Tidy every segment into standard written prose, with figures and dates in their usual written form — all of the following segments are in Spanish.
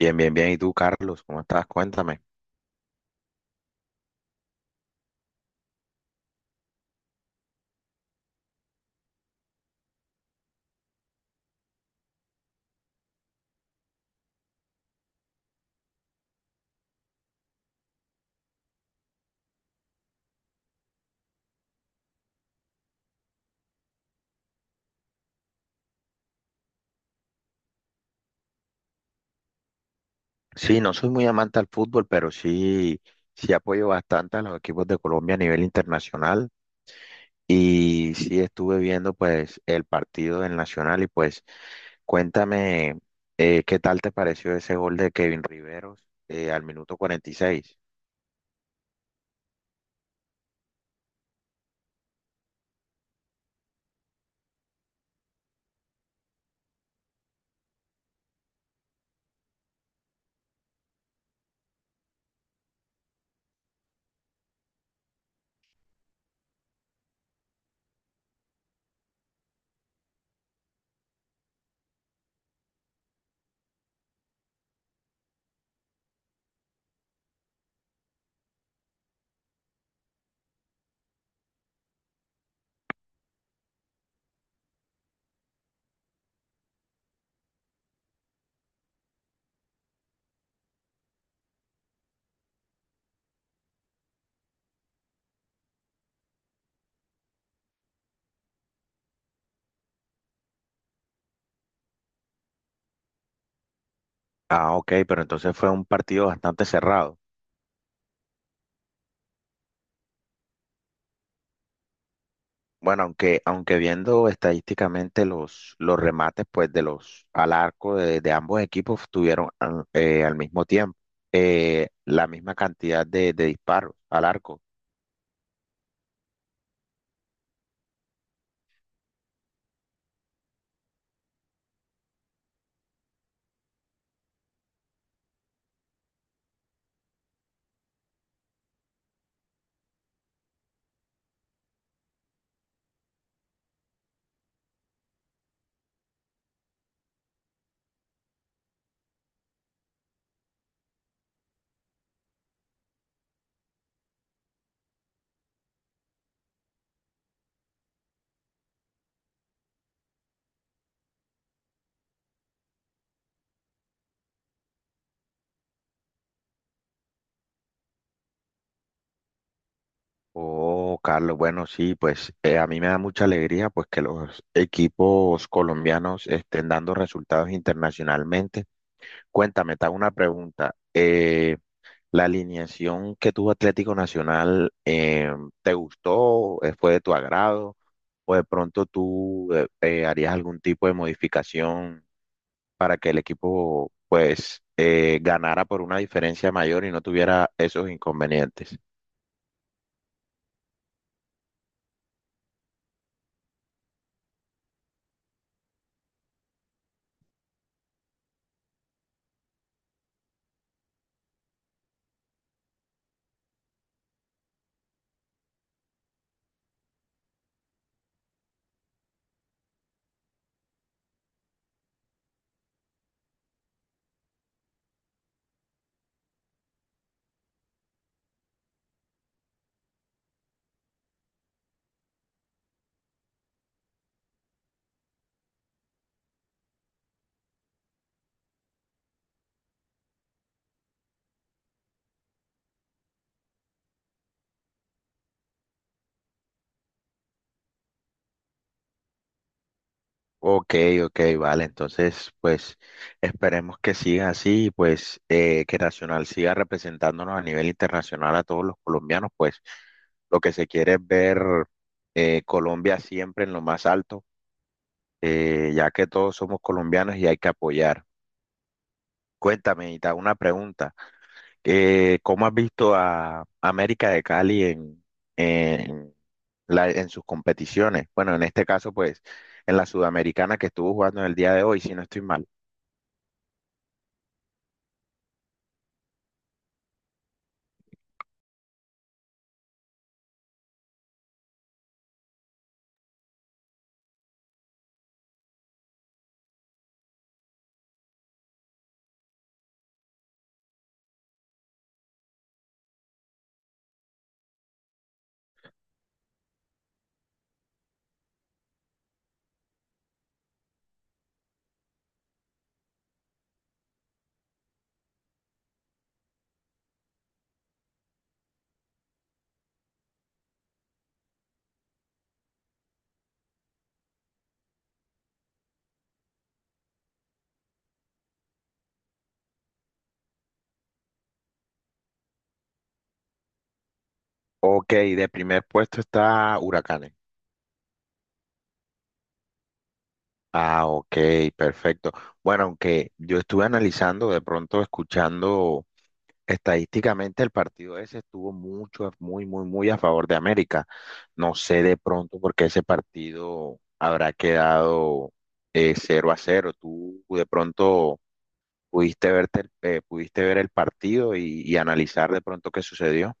Bien, bien, bien. ¿Y tú, Carlos? ¿Cómo estás? Cuéntame. Sí, no soy muy amante al fútbol, pero sí, sí apoyo bastante a los equipos de Colombia a nivel internacional. Y sí estuve viendo pues el partido del Nacional y pues cuéntame qué tal te pareció ese gol de Kevin Riveros al minuto 46. Ah, ok, pero entonces fue un partido bastante cerrado. Bueno, aunque viendo estadísticamente los remates pues de los al arco de ambos equipos tuvieron al mismo tiempo la misma cantidad de disparos al arco. Oh, Carlos, bueno, sí, pues a mí me da mucha alegría pues que los equipos colombianos estén dando resultados internacionalmente. Cuéntame, te hago una pregunta. La alineación que tuvo Atlético Nacional, ¿te gustó? ¿Fue de tu agrado? ¿O de pronto tú harías algún tipo de modificación para que el equipo pues ganara por una diferencia mayor y no tuviera esos inconvenientes? Ok, ok, vale. Entonces, pues esperemos que siga así y pues que Nacional siga representándonos a nivel internacional a todos los colombianos. Pues lo que se quiere es ver Colombia siempre en lo más alto, ya que todos somos colombianos y hay que apoyar. Cuéntame, Ita, una pregunta. ¿Cómo has visto a América de Cali en, en sus competiciones? Bueno, en este caso, pues en la Sudamericana que estuvo jugando en el día de hoy, si no estoy mal. Ok, de primer puesto está Huracanes. Ah, ok, perfecto. Bueno, aunque yo estuve analizando, de pronto escuchando estadísticamente el partido ese estuvo mucho, muy, muy, muy a favor de América. No sé de pronto por qué ese partido habrá quedado 0-0. Tú de pronto pudiste verte, pudiste ver el partido y analizar de pronto qué sucedió.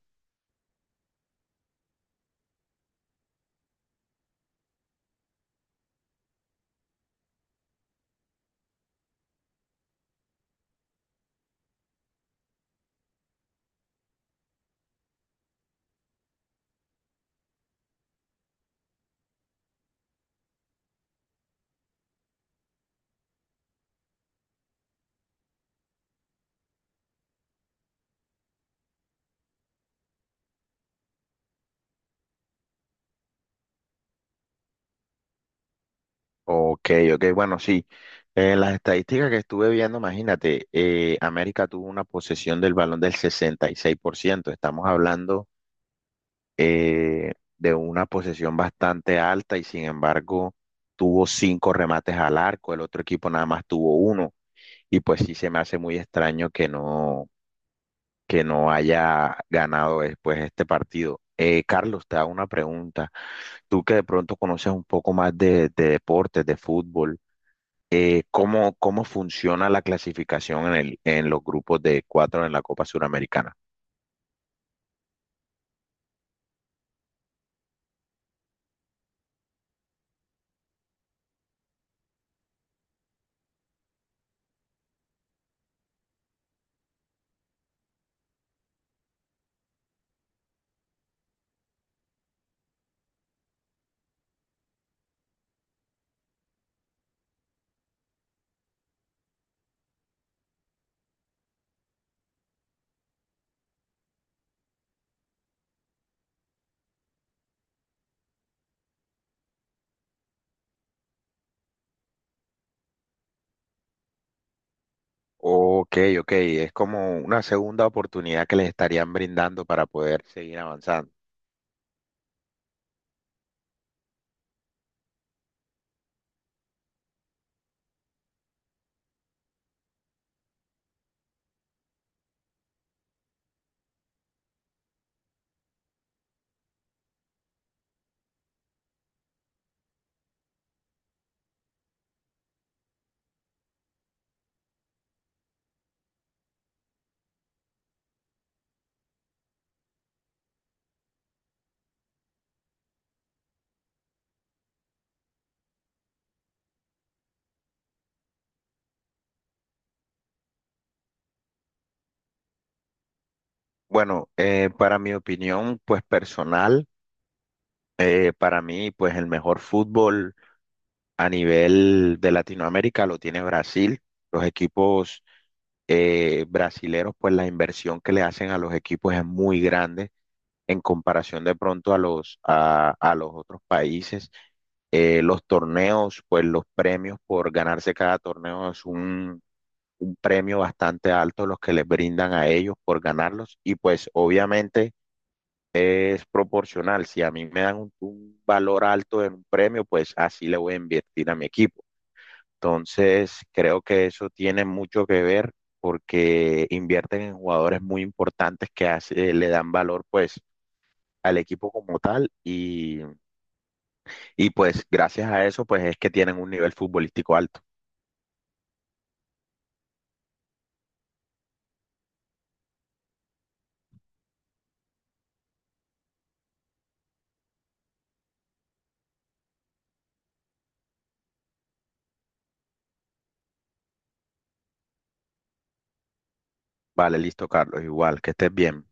Ok, ok, bueno, sí. En las estadísticas que estuve viendo, imagínate, América tuvo una posesión del balón del 66%. Estamos hablando de una posesión bastante alta y sin embargo tuvo cinco remates al arco, el otro equipo nada más tuvo uno. Y pues sí se me hace muy extraño que no haya ganado después este partido. Carlos, te hago una pregunta. Tú que de pronto conoces un poco más de deportes, de fútbol ¿cómo funciona la clasificación en los grupos de cuatro en la Copa Suramericana? Ok, ok, es como una segunda oportunidad que les estarían brindando para poder seguir avanzando. Bueno, para mi opinión, pues personal, para mí, pues el mejor fútbol a nivel de Latinoamérica lo tiene Brasil. Los equipos brasileros, pues la inversión que le hacen a los equipos es muy grande en comparación de pronto a los otros países. Los torneos, pues los premios por ganarse cada torneo es un premio bastante alto los que les brindan a ellos por ganarlos y pues obviamente es proporcional. Si a mí me dan un valor alto en un premio, pues así le voy a invertir a mi equipo. Entonces, creo que eso tiene mucho que ver porque invierten en jugadores muy importantes que le dan valor pues al equipo como tal y pues gracias a eso pues es que tienen un nivel futbolístico alto. Vale, listo, Carlos, igual, que estés bien.